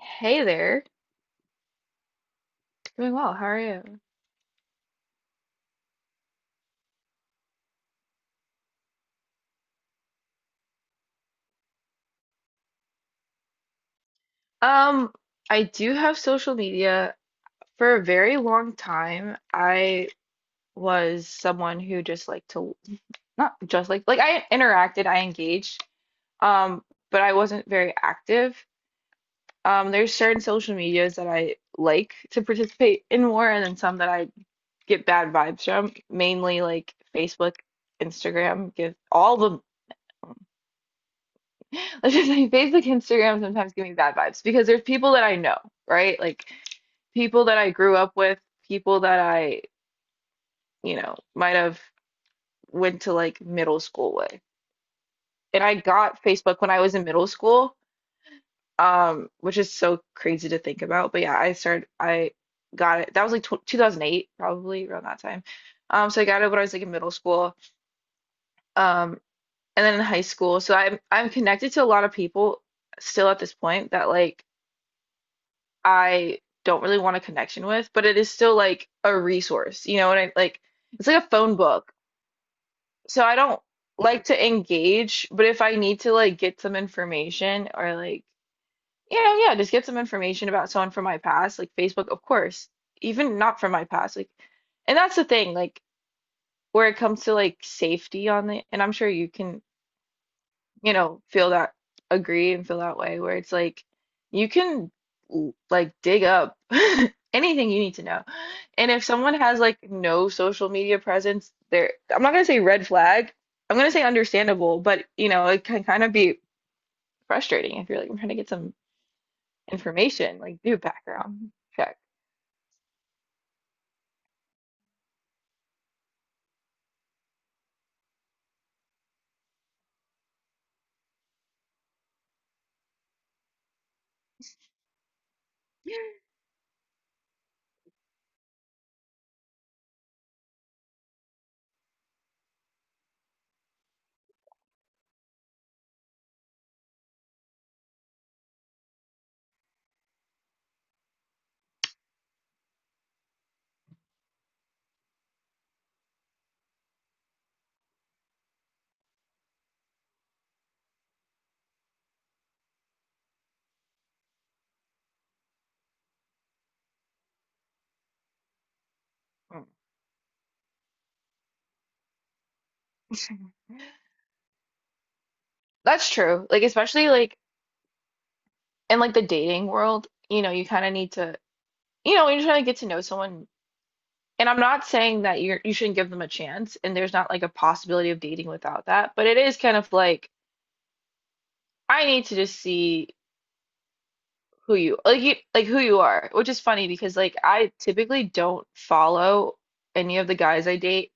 Hey there. Doing well. How are you? Um, I do have social media. For a very long time, I was someone who just liked to not just like I interacted, I engaged, um, but I wasn't very active. There's certain social medias that I like to participate in more, and then some that I get bad vibes from, mainly like Facebook, Instagram, give all the Let's just say Facebook, Instagram sometimes give me bad vibes because there's people that I know, right? Like people that I grew up with, people that I might have went to like middle school with. And I got Facebook when I was in middle school, which is so crazy to think about. But yeah, I started, I got it. That was like tw 2008, probably around that time. So I got it when I was like in middle school, um, and then in high school. So I'm connected to a lot of people still at this point that like I don't really want a connection with, but it is still like a resource, you know, and I like it's like a phone book. So I don't like to engage, but if I need to like get some information or like, yeah, just get some information about someone from my past, like Facebook, of course, even not from my past, like, and that's the thing, like where it comes to like safety on the, and I'm sure you can feel that agree and feel that way where it's like you can like dig up anything you need to know. And if someone has like no social media presence, there I'm not gonna say red flag. I'm gonna say understandable, but you know, it can kind of be frustrating if you're like, I'm trying to get some information, like do a background check. Hmm. That's true. Like especially like in like the dating world, you kind of need to, when you're trying to get to know someone. And I'm not saying that you shouldn't give them a chance, and there's not like a possibility of dating without that, but it is kind of like I need to just see who you like who you are, which is funny because like I typically don't follow any of the guys I date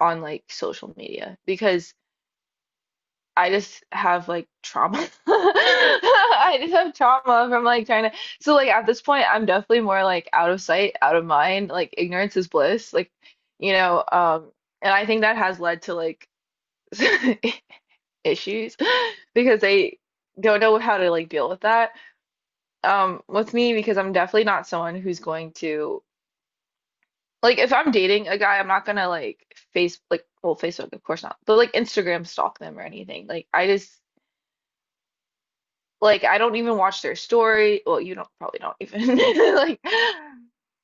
on like social media because I just have like trauma. I just have trauma from like trying to. So like at this point, I'm definitely more like out of sight, out of mind. Like ignorance is bliss. Like, you know, um, and I think that has led to like issues because they don't know how to like deal with that. With me because I'm definitely not someone who's going to like if I'm dating a guy, I'm not gonna like face like well Facebook of course not, but like Instagram stalk them or anything. Like I just Like I don't even watch their story. Well, you don't probably don't even like.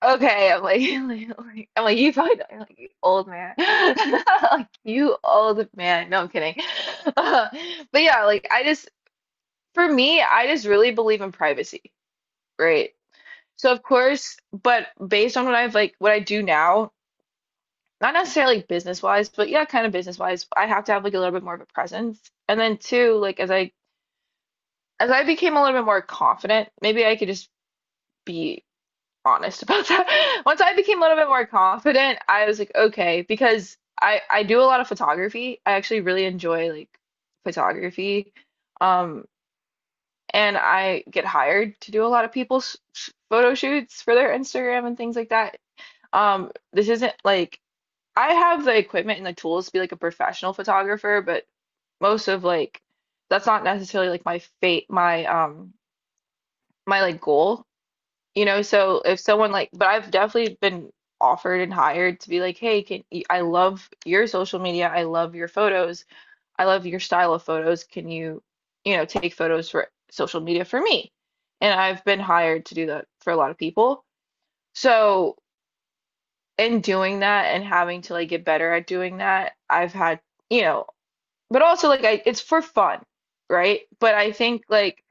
Okay, I'm like, I'm like you probably don't. You're like you old man, like you old man. No, I'm kidding. but yeah, like I just for me, I just really believe in privacy, right? So of course, but based on what I've like what I do now, not necessarily business wise, but yeah, kind of business wise, I have to have like a little bit more of a presence. And then two, like as I became a little bit more confident, maybe I could just be honest about that. Once I became a little bit more confident, I was like, okay, because I do a lot of photography. I actually really enjoy like photography. Um, and I get hired to do a lot of people's photo shoots for their Instagram and things like that. This isn't like I have the equipment and the tools to be like a professional photographer, but most of like that's not necessarily like my fate, my my like goal you know, so if someone like, but I've definitely been offered and hired to be like, hey, can I love your social media? I love your photos. I love your style of photos. Can you, take photos for social media for me? And I've been hired to do that for a lot of people. So in doing that and having to like get better at doing that, I've had, you know, but also like I, it's for fun, right? But I think like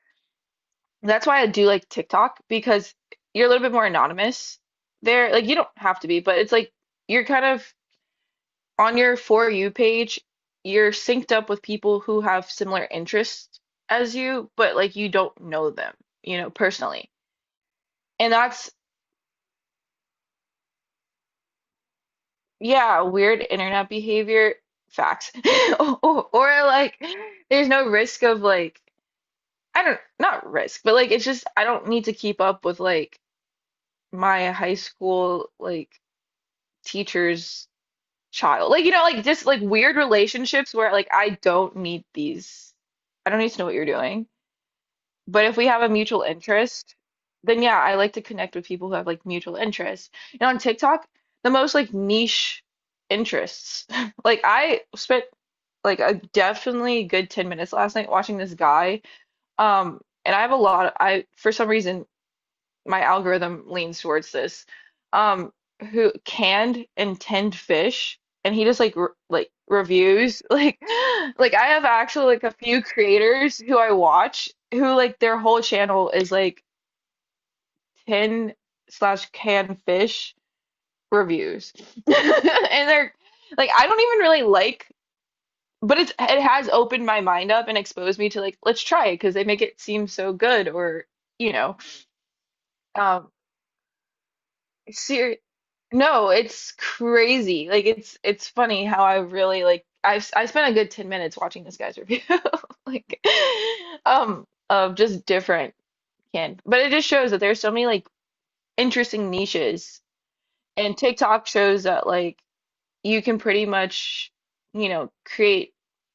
that's why I do like TikTok because you're a little bit more anonymous there. Like you don't have to be, but it's like you're kind of on your For You page, you're synced up with people who have similar interests as you, but like you don't know them, you know, personally. And that's, yeah, weird internet behavior facts. Or like there's no risk of like I don't not risk, but like it's just I don't need to keep up with like my high school like teachers child. Like, you know, like just like weird relationships where like I don't need these. I don't need to know what you're doing. But if we have a mutual interest, then yeah, I like to connect with people who have like mutual interests. And on TikTok, the most like niche interests. Like I spent like a definitely good 10 minutes last night watching this guy. And I have a lot of, I for some reason my algorithm leans towards this um who canned and tinned fish and he just like reviews like I have actually like a few creators who I watch who like their whole channel is like tin slash canned fish reviews and they're like I don't even really like but it's it has opened my mind up and exposed me to like let's try it because they make it seem so good or you know um No, it's crazy. Like it's funny how I really like I spent a good 10 minutes watching this guy's review like of just different can but it just shows that there's so many like interesting niches and TikTok shows that like you can pretty much you know create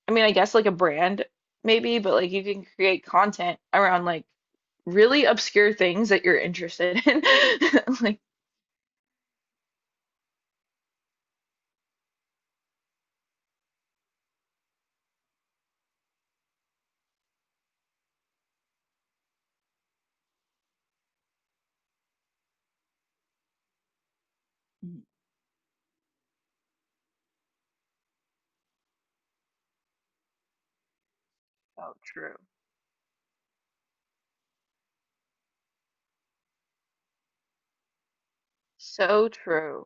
I mean I guess like a brand maybe but like you can create content around like really obscure things that you're interested in like Mm, So true. So true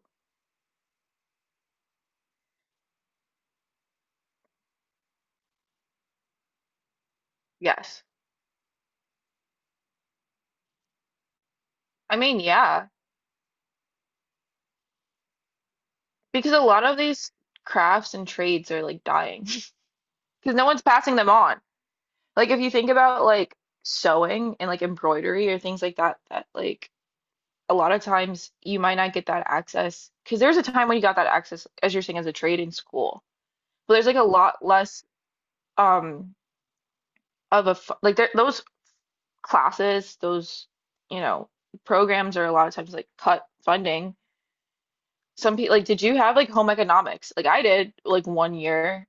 Yes. I mean, yeah, because a lot of these crafts and trades are like dying because no one's passing them on. Like if you think about like sewing and like embroidery or things like that, that like a lot of times you might not get that access because there's a time when you got that access as you're saying as a trade in school. But there's like a lot less um of a like there, those classes, those you know, programs are a lot of times like cut funding some people like did you have like home economics like I did like one year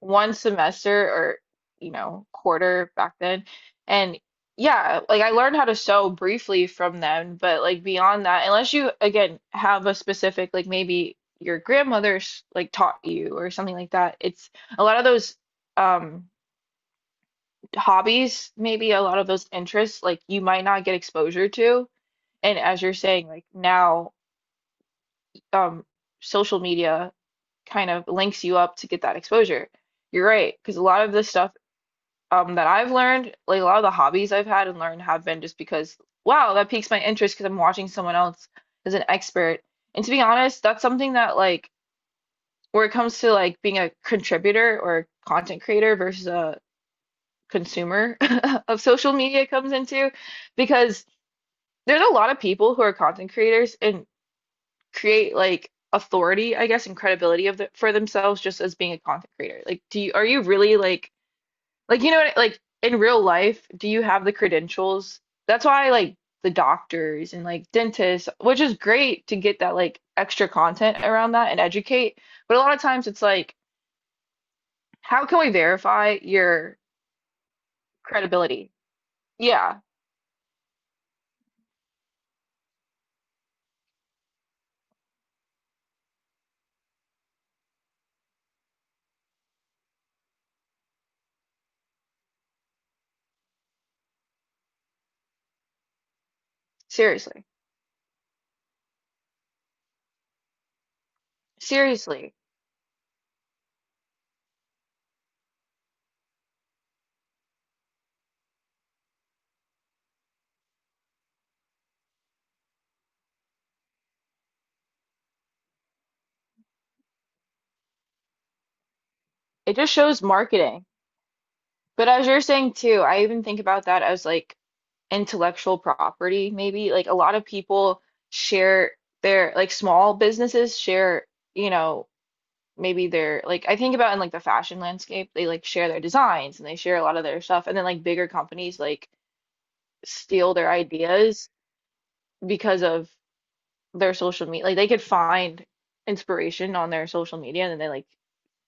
one semester or you know quarter back then and yeah like I learned how to sew briefly from them but like beyond that unless you again have a specific like maybe your grandmother's like taught you or something like that it's a lot of those um hobbies maybe a lot of those interests like you might not get exposure to and as you're saying like now um social media kind of links you up to get that exposure you're right because a lot of this stuff that I've learned, like a lot of the hobbies I've had and learned have been just because, wow, that piques my interest because I'm watching someone else as an expert. And to be honest, that's something that like where it comes to like being a contributor or a content creator versus a consumer of social media comes into because there's a lot of people who are content creators and create like authority, I guess, and credibility of the, for themselves just as being a content creator. Like, do you, are you really like, you know what, like in real life, do you have the credentials? That's why like the doctors and like dentists, which is great to get that like extra content around that and educate, but a lot of times it's like, how can we verify your credibility? Yeah, seriously. Seriously. It just shows marketing. But as you're saying too, I even think about that as like intellectual property, maybe. Like a lot of people share their like small businesses share you know maybe they're like I think about in like the fashion landscape, they like share their designs and they share a lot of their stuff, and then like bigger companies like steal their ideas because of their social media. Like they could find inspiration on their social media, and then they like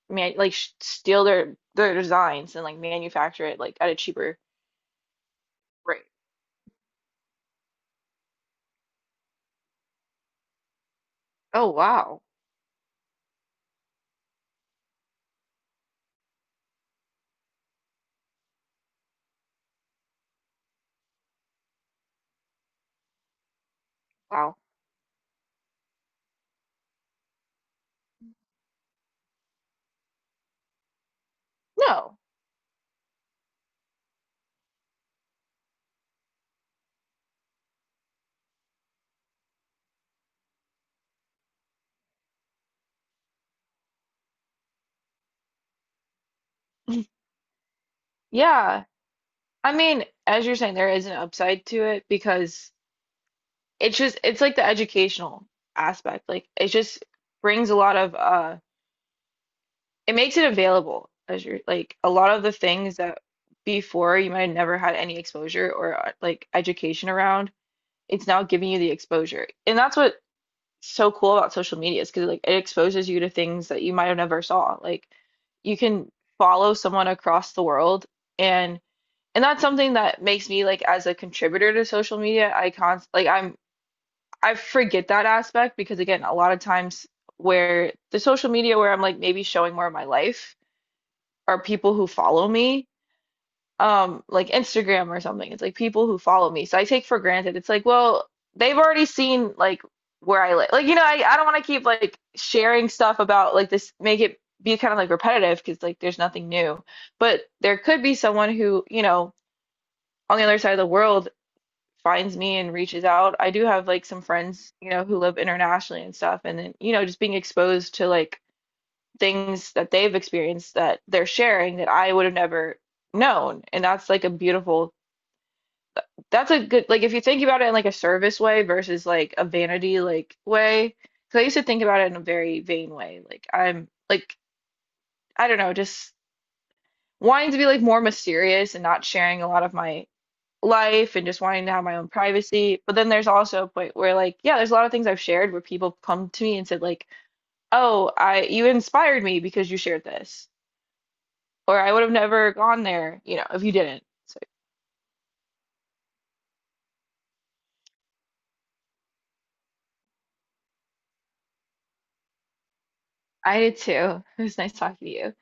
man like sh steal their designs and like manufacture it like at a cheaper rate. Oh wow, wow. No, yeah. I mean, as you're saying, there is an upside to it because it's just it's like the educational aspect like it just brings a lot of it makes it available as you're like a lot of the things that before you might have never had any exposure or like education around it's now giving you the exposure and that's what's so cool about social media is because like it exposes you to things that you might have never saw like you can follow someone across the world and and that's something that makes me like as a contributor to social media I const like I'm I forget that aspect because again, a lot of times where the social media where I'm like maybe showing more of my life are people who follow me, like Instagram or something. It's like people who follow me. So I take for granted. It's like, well, they've already seen like where I live. Like, you know, I don't want to keep like sharing stuff about like this, make it be kind of like repetitive because like there's nothing new. But there could be someone who, you know, on the other side of the world finds me and reaches out. I do have like some friends, you know, who live internationally and stuff, and then, you know, just being exposed to like things that they've experienced that they're sharing that I would have never known. And that's like a beautiful, that's a good, like if you think about it in like a service way versus like a vanity like way, because I used to think about it in a very vain way. Like I'm like, I don't know, just wanting to be like more mysterious and not sharing a lot of my life and just wanting to have my own privacy. But then there's also a point where like, yeah, there's a lot of things I've shared where people come to me and said like, "Oh, I you inspired me because you shared this." Or I would have never gone there, you know, if you didn't. So I did too. It was nice talking to you.